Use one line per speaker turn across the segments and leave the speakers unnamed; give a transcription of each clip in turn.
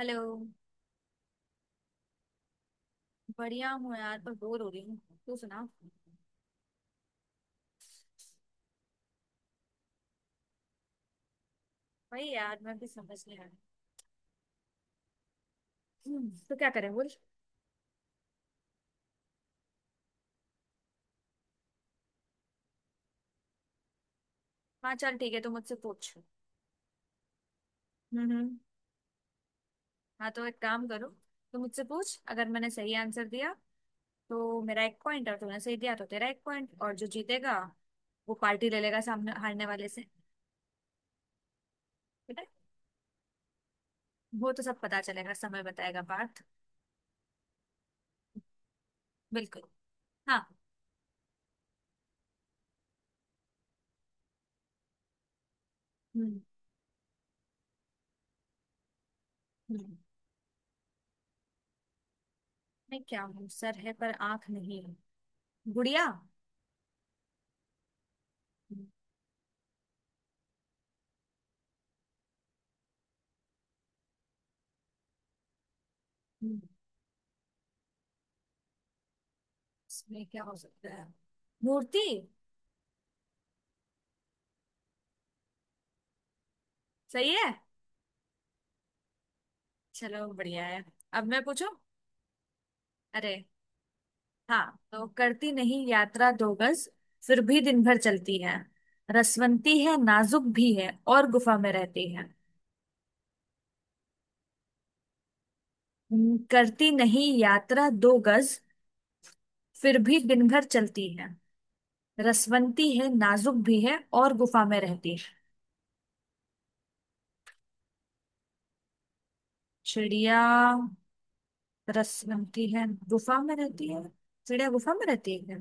Hello. बढ़िया हूँ यार, पर बोर हो रही हूँ। तू सुना। वही यार, मैं भी समझ नहीं आ रही। तो क्या करें बोल। हाँ, चल ठीक है, तो मुझसे पूछ। हम्म, हम्म। हाँ, तो एक काम करो। तो मुझसे पूछ, अगर मैंने सही आंसर दिया तो मेरा एक पॉइंट, और तूने सही दिया तो तेरा एक पॉइंट, और जो जीतेगा वो पार्टी ले लेगा सामने हारने वाले से। ठीक है। वो तो सब पता चलेगा, समय बताएगा बात। बिल्कुल। हाँ। हम्म, हम्म। मैं क्या हूँ? सर है पर आंख नहीं है। गुड़िया। हम्म, हम्म। इसमें क्या हो सकता है? मूर्ति। सही है। चलो, बढ़िया है। अब मैं पूछूं। अरे। हाँ, तो करती नहीं यात्रा दो गज, फिर भी दिन भर चलती है। रसवंती है, नाजुक भी है, और गुफा में रहती है। करती नहीं यात्रा दो गज, फिर भी दिन भर चलती है। रसवंती है, नाजुक भी है, और गुफा में रहती है। चिड़िया? रसवंती है, गुफा में रहती है। चिड़िया गुफा में रहती है?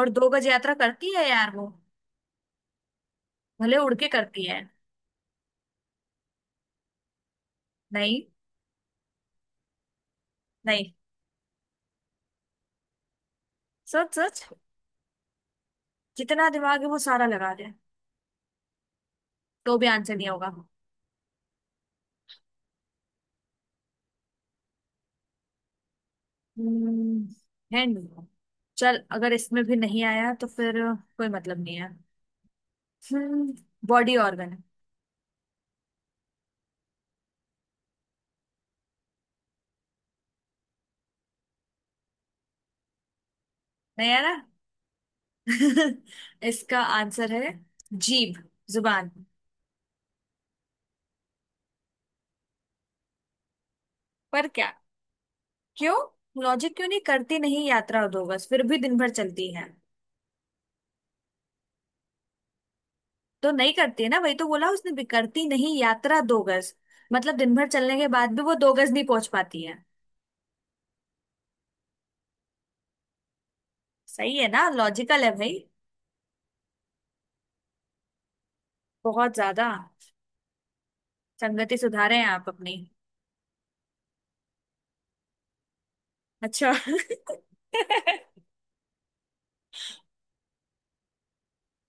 और दो गज यात्रा करती है यार वो, भले उड़ के करती है। नहीं। नहीं। सोच सोच। जितना दिमाग है वो सारा लगा दे, तो भी आंसर नहीं होगा। है नहीं। चल, अगर इसमें भी नहीं आया तो फिर कोई मतलब नहीं है। हम्म। Body organ. नहीं है ना। इसका आंसर है जीभ। जुबान। पर क्या? क्यों? लॉजिक क्यों नहीं? करती नहीं यात्रा दो बस, फिर भी दिन भर चलती है। तो नहीं करती है ना, वही तो बोला उसने भी, करती नहीं यात्रा दो गज। मतलब दिन भर चलने के बाद भी वो दो गज नहीं पहुंच पाती है। सही है ना, लॉजिकल है भाई। बहुत ज्यादा। संगति सुधारे हैं आप अपनी। अच्छा।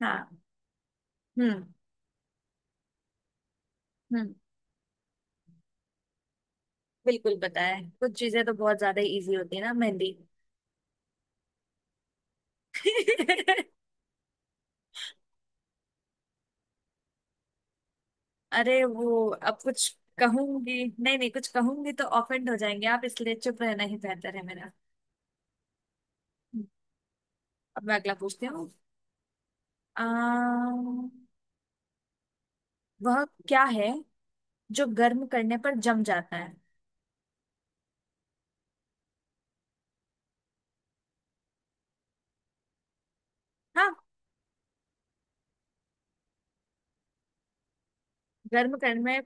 हाँ। हम्म, हम्म। बिल्कुल पता है, कुछ चीजें तो बहुत ज्यादा इजी होती है ना। मेहंदी। अरे वो अब कुछ कहूंगी। नहीं नहीं, कुछ कहूंगी तो ऑफेंड हो जाएंगे आप, इसलिए चुप रहना ही बेहतर है मेरा। हम्म। अब मैं अगला पूछती हूँ। वह क्या है जो गर्म करने पर जम जाता है? हाँ। गर्म करने में,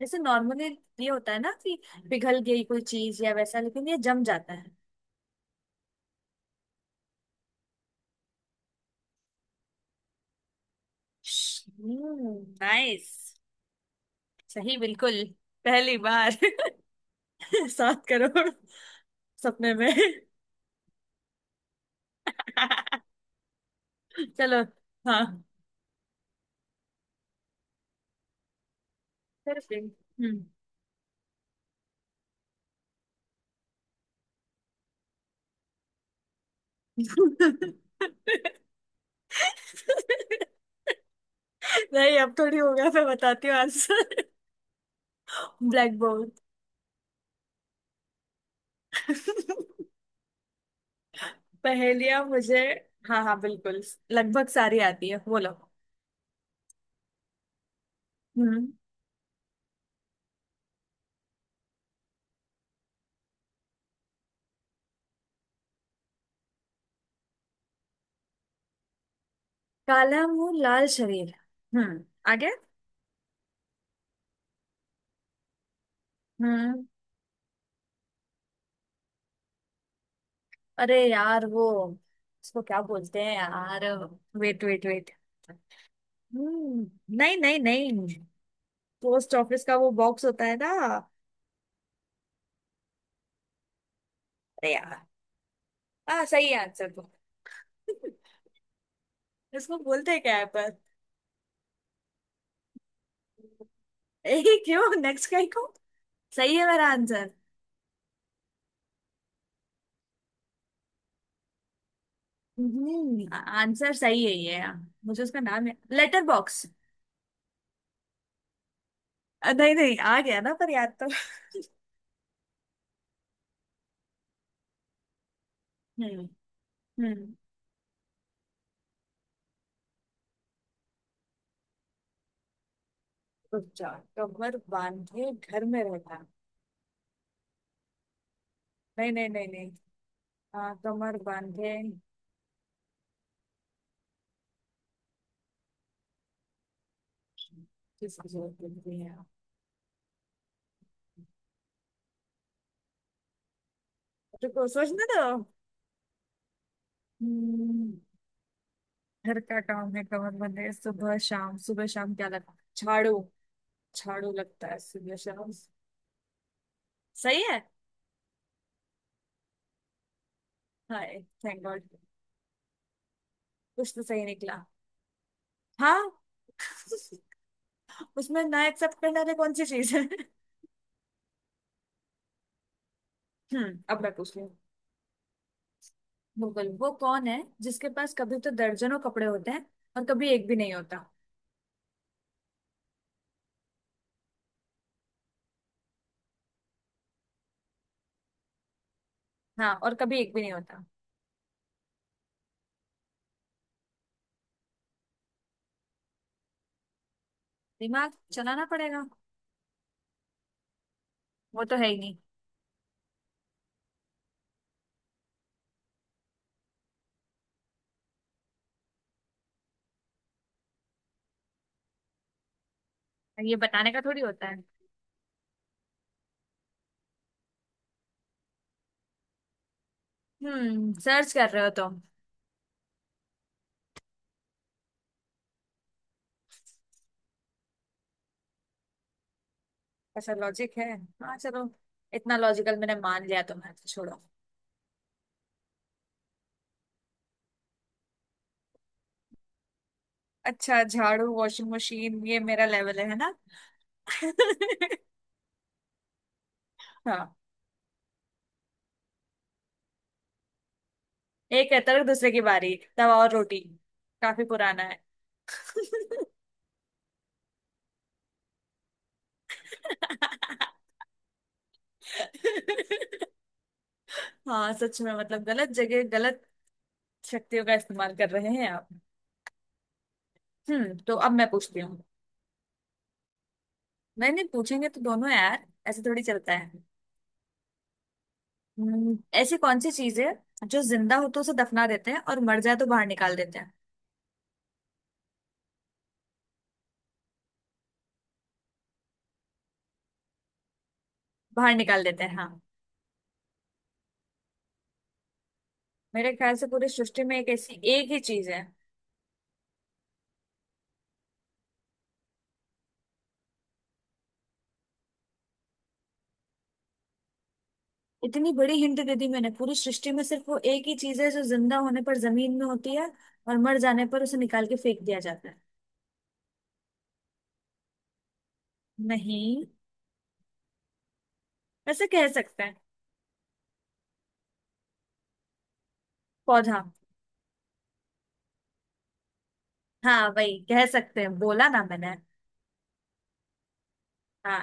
जैसे नॉर्मली ये होता है ना कि पिघल गई कोई चीज या वैसा, लेकिन ये जम जाता है। नाइस। सही, बिल्कुल। पहली बार। 7 करोड़। सपने में। चलो। हाँ। फिर फिर- हम्म। नहीं, अब थोड़ी हो गया, मैं बताती हूँ आंसर। Black board. पहेलियां मुझे हाँ हाँ, बिल्कुल, लगभग सारी आती है, बोलो। हम्म। काला मुंह लाल शरीर। हम्म। आगे। हम्म। अरे यार वो, उसको क्या बोलते हैं यार? Wait wait wait. हम्म। नहीं नहीं नहीं, पोस्ट ऑफिस का वो बॉक्स होता है ना। अरे यार, हाँ सही आंसर तो इसको बोलते हैं क्या है पर। ए क्यों नेक्स्ट कहीं को? सही है मेरा आंसर। आंसर सही है ये, हाँ। मुझे उसका नाम है लेटर बॉक्स। नहीं नहीं आ गया ना, पर याद तो। हम्म, हम्म। रुक जा। कमर बांधे घर में रहता। नहीं नहीं नहीं नहीं। हाँ, कमर बांधे। किसकी जरूरत पड़ती है? रुको, सोचने दो। हम्म, घर का काम है, कमर बंधे सुबह शाम। सुबह शाम क्या लगता है? झाड़ू। झाड़ू लगता है सुबह शाम। सही है। हाय, थैंक गॉड, कुछ तो सही निकला। हाँ। उसमें ना, एक्सेप्ट करने वाली कौन सी चीज है? अब मैं पूछ रही हूँ। मुगल वो कौन है जिसके पास कभी तो दर्जनों कपड़े होते हैं और कभी एक भी नहीं होता? हाँ, और कभी एक भी नहीं होता। दिमाग चलाना पड़ेगा। वो तो है ही नहीं। और ये बताने का थोड़ी होता है। सर्च कर रहे हो तुम। अच्छा, लॉजिक है। हाँ, चलो। इतना लॉजिकल मैंने मान लिया, तुम्हें तो छोड़ो। अच्छा, झाड़ू वॉशिंग मशीन ये मेरा लेवल है ना? हाँ। एक है तरक दूसरे की बारी, तवा और रोटी, काफी पुराना है। हाँ सच में, मतलब गलत जगह, गलत शक्तियों का इस्तेमाल कर रहे हैं आप। तो अब मैं पूछती हूँ। नहीं नहीं, पूछेंगे तो दोनों यार, ऐसे थोड़ी चलता है। ऐसी कौन सी चीज है जो जिंदा हो तो उसे दफना देते हैं और मर जाए तो बाहर निकाल देते हैं? बाहर निकाल देते हैं, हाँ। मेरे ख्याल से पूरी सृष्टि में एक ऐसी एक ही चीज है। इतनी बड़ी हिंट दे दी मैंने, पूरी सृष्टि में सिर्फ वो एक ही चीज है जो जिंदा होने पर जमीन में होती है, और मर जाने पर उसे निकाल के फेंक दिया जाता है। नहीं, ऐसे कह सकते हैं। पौधा। हाँ वही कह सकते हैं, बोला ना मैंने। हाँ।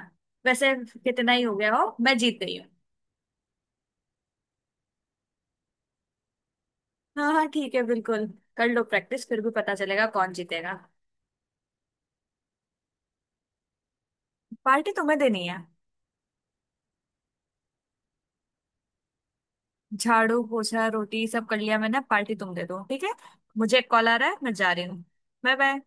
वैसे, कितना ही हो गया हो, मैं जीत गई हूँ। हाँ हाँ, ठीक है, बिल्कुल। कर लो प्रैक्टिस, फिर भी पता चलेगा कौन जीतेगा। पार्टी तुम्हें देनी है। झाड़ू पोछा रोटी सब कर लिया मैंने, पार्टी तुम दे दो, ठीक है। मुझे एक कॉल आ रहा है, मैं जा रही हूँ। Bye bye.